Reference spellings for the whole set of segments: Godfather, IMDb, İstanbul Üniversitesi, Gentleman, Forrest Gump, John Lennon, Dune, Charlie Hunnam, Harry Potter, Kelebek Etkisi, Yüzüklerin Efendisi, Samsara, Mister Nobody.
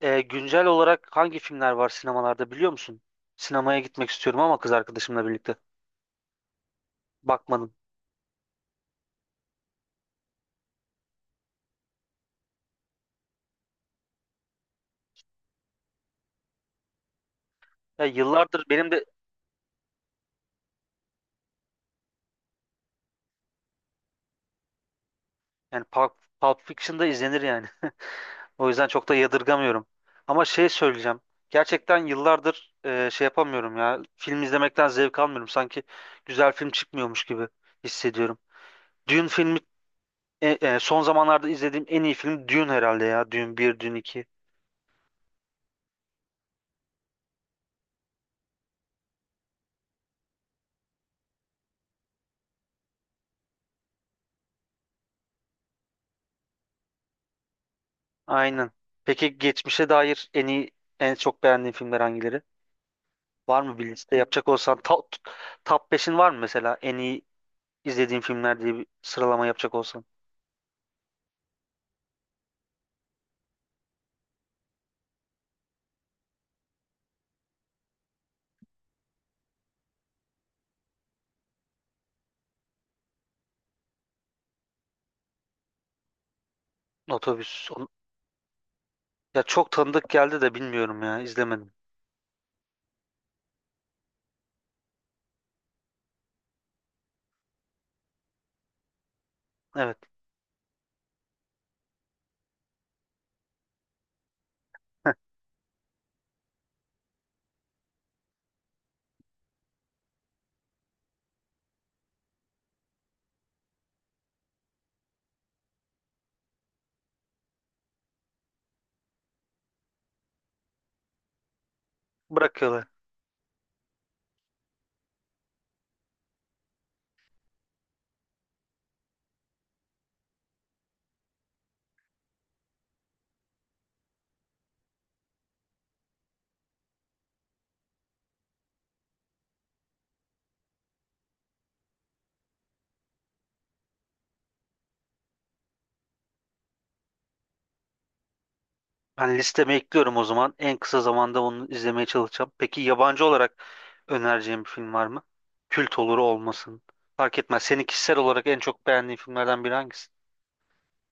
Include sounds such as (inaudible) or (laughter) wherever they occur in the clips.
Güncel olarak hangi filmler var sinemalarda biliyor musun? Sinemaya gitmek istiyorum ama kız arkadaşımla birlikte. Bakmadım. Ya yıllardır benim de yani Pulp Fiction'da izlenir yani. (laughs) O yüzden çok da yadırgamıyorum. Ama şey söyleyeceğim. Gerçekten yıllardır şey yapamıyorum ya. Film izlemekten zevk almıyorum. Sanki güzel film çıkmıyormuş gibi hissediyorum. Dune filmi son zamanlarda izlediğim en iyi film Dune herhalde ya. Dune bir, Dune iki. Aynen. Peki geçmişe dair en iyi, en çok beğendiğin filmler hangileri? Var mı bir liste yapacak olsan top 5'in var mı mesela en iyi izlediğin filmler diye bir sıralama yapacak olsan? Otobüs. Ya çok tanıdık geldi de bilmiyorum ya izlemedim. Evet, bırakıyorlar. Ben listeme ekliyorum o zaman. En kısa zamanda onu izlemeye çalışacağım. Peki yabancı olarak önereceğim bir film var mı? Kült olur olmasın. Fark etmez. Seni kişisel olarak en çok beğendiğin filmlerden biri hangisi?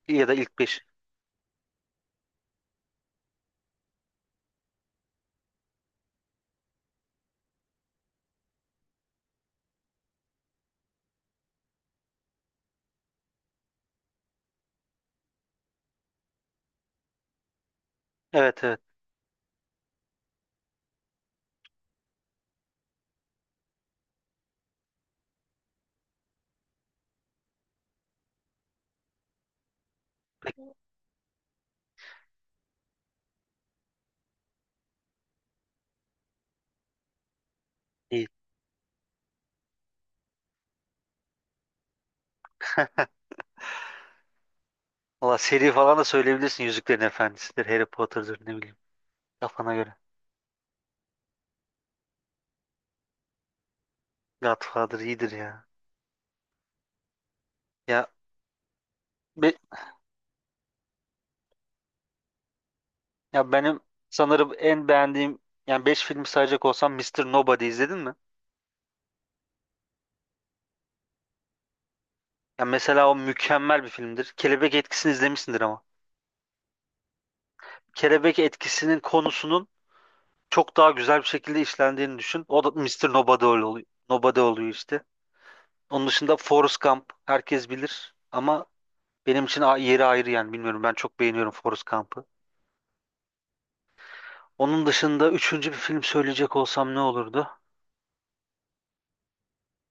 Ya da ilk 5? Evet, evet. Peki, iyi. Valla seri falan da söyleyebilirsin. Yüzüklerin Efendisi'dir, Harry Potter'dır, ne bileyim. Kafana göre. Godfather iyidir ya. Ya be- ya benim sanırım en beğendiğim, yani 5 filmi sayacak olsam Mister Nobody izledin mi? Ya mesela o mükemmel bir filmdir. Kelebek Etkisi'ni izlemişsindir ama. Kelebek Etkisi'nin konusunun çok daha güzel bir şekilde işlendiğini düşün. O da Mister Nobody öyle oluyor. Nobody oluyor işte. Onun dışında Forrest Gump herkes bilir ama benim için yeri ayrı, yani bilmiyorum, ben çok beğeniyorum Forrest Gump'ı. Onun dışında üçüncü bir film söyleyecek olsam ne olurdu?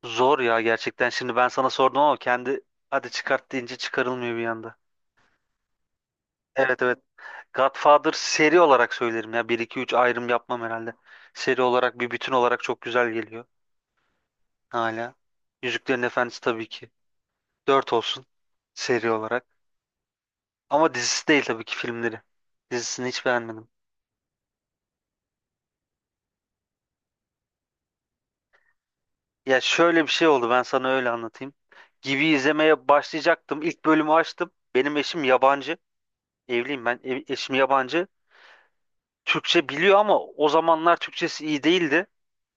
Zor ya gerçekten. Şimdi ben sana sordum ama kendi, hadi çıkart deyince çıkarılmıyor bir anda. Evet, evet. Godfather seri olarak söylerim ya. Bir, iki, 3 ayrım yapmam herhalde. Seri olarak, bir bütün olarak çok güzel geliyor hala. Yüzüklerin Efendisi tabii ki. Dört olsun, seri olarak. Ama dizisi değil tabii ki, filmleri. Dizisini hiç beğenmedim. Ya şöyle bir şey oldu, ben sana öyle anlatayım. Gibi izlemeye başlayacaktım. İlk bölümü açtım. Benim eşim yabancı. Evliyim ben. Eşim yabancı. Türkçe biliyor ama o zamanlar Türkçesi iyi değildi.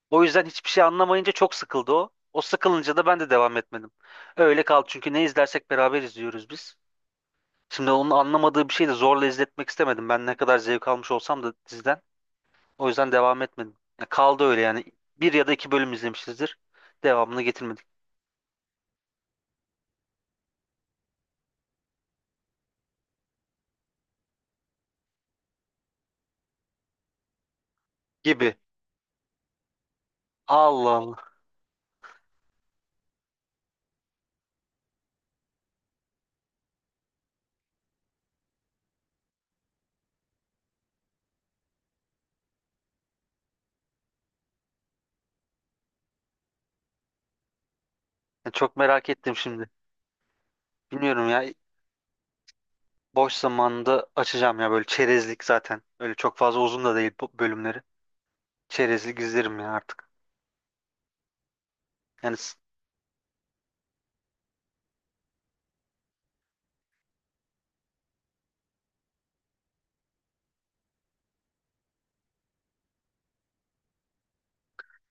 O yüzden hiçbir şey anlamayınca çok sıkıldı o. O sıkılınca da ben de devam etmedim. Öyle kaldı çünkü ne izlersek beraber izliyoruz biz. Şimdi onun anlamadığı bir şeyi de zorla izletmek istemedim. Ben ne kadar zevk almış olsam da diziden. O yüzden devam etmedim. Ya kaldı öyle yani. Bir ya da iki bölüm izlemişizdir. Devamını getirmedik gibi. Allah Allah. Ya çok merak ettim şimdi. Bilmiyorum ya. Boş zamanında açacağım ya, böyle çerezlik zaten. Öyle çok fazla uzun da değil bu bölümleri. Çerezlik izlerim ya artık. Yani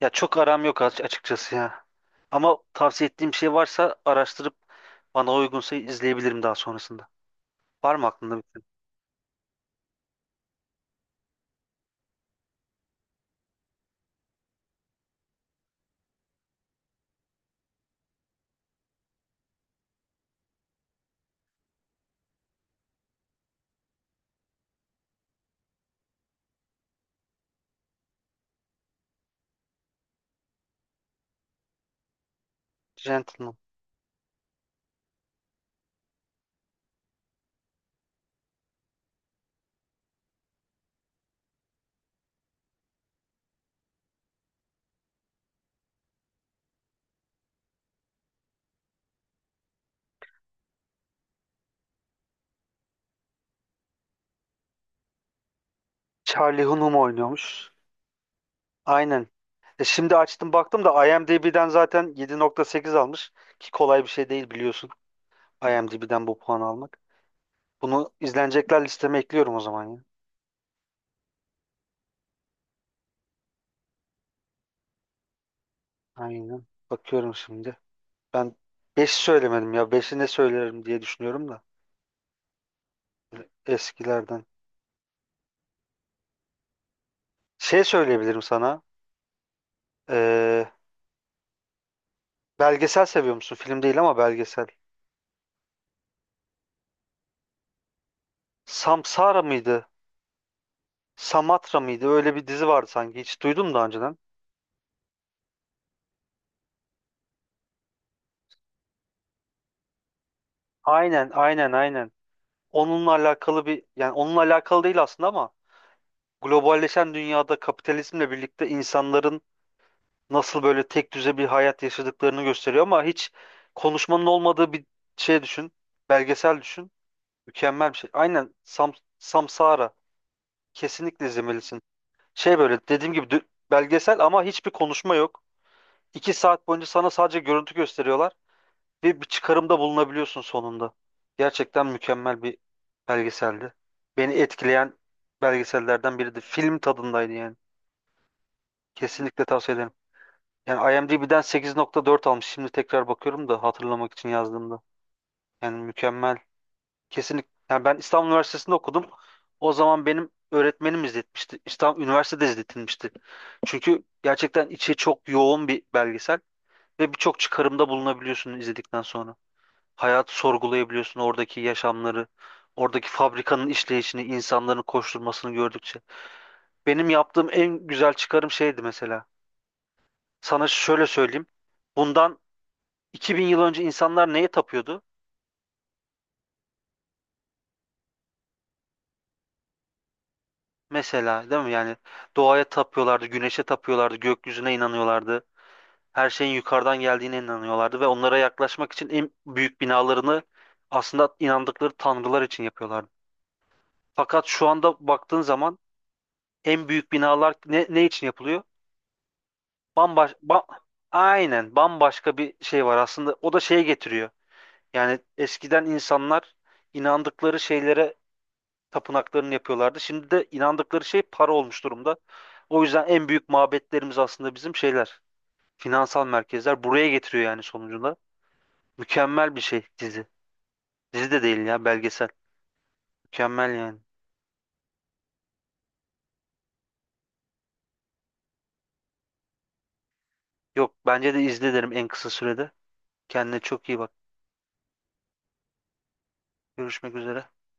ya çok aram yok, açıkçası ya. Ama tavsiye ettiğim şey varsa araştırıp bana uygunsa izleyebilirim daha sonrasında. Var mı aklında bir film? Gentleman. Charlie Hunnam oynuyormuş. Aynen. E şimdi açtım baktım da IMDb'den zaten 7.8 almış. Ki kolay bir şey değil biliyorsun. IMDb'den bu puanı almak. Bunu izlenecekler listeme ekliyorum o zaman ya. Aynen. Bakıyorum şimdi. Ben 5 söylemedim ya. Beşi ne söylerim diye düşünüyorum da. Eskilerden. Şey söyleyebilirim sana. Ee, Belgesel seviyor musun? Film değil ama belgesel. Samsara mıydı? Samatra mıydı? Öyle bir dizi vardı sanki. Hiç duydum daha önceden. Aynen, aynen, aynen. Onunla alakalı bir, yani onunla alakalı değil aslında ama globalleşen dünyada kapitalizmle birlikte insanların nasıl böyle tek düze bir hayat yaşadıklarını gösteriyor ama hiç konuşmanın olmadığı bir şey düşün. Belgesel düşün. Mükemmel bir şey. Aynen, Samsara. Kesinlikle izlemelisin. Şey, böyle dediğim gibi, belgesel ama hiçbir konuşma yok. İki saat boyunca sana sadece görüntü gösteriyorlar ve bir çıkarımda bulunabiliyorsun sonunda. Gerçekten mükemmel bir belgeseldi. Beni etkileyen belgesellerden biriydi. Film tadındaydı yani. Kesinlikle tavsiye ederim. Yani IMDb'den 8.4 almış. Şimdi tekrar bakıyorum da hatırlamak için yazdığımda. Yani mükemmel. Kesinlikle. Yani ben İstanbul Üniversitesi'nde okudum. O zaman benim öğretmenim izletmişti. İstanbul Üniversitede izletilmişti. Çünkü gerçekten içi çok yoğun bir belgesel ve birçok çıkarımda bulunabiliyorsun izledikten sonra. Hayatı sorgulayabiliyorsun, oradaki yaşamları, oradaki fabrikanın işleyişini, insanların koşturmasını gördükçe. Benim yaptığım en güzel çıkarım şeydi mesela. Sana şöyle söyleyeyim. Bundan 2000 yıl önce insanlar neye tapıyordu? Mesela, değil mi? Yani doğaya tapıyorlardı, güneşe tapıyorlardı, gökyüzüne inanıyorlardı. Her şeyin yukarıdan geldiğine inanıyorlardı ve onlara yaklaşmak için en büyük binalarını aslında inandıkları tanrılar için yapıyorlardı. Fakat şu anda baktığın zaman en büyük binalar ne, ne için yapılıyor? Bambaş, ba- aynen, bambaşka bir şey var aslında. O da şeye getiriyor. Yani eskiden insanlar inandıkları şeylere tapınaklarını yapıyorlardı. Şimdi de inandıkları şey para olmuş durumda. O yüzden en büyük mabetlerimiz aslında bizim şeyler, finansal merkezler, buraya getiriyor yani sonucunda. Mükemmel bir şey dizi. Dizi de değil ya, belgesel. Mükemmel yani. Yok, bence de izle derim en kısa sürede. Kendine çok iyi bak. Görüşmek üzere.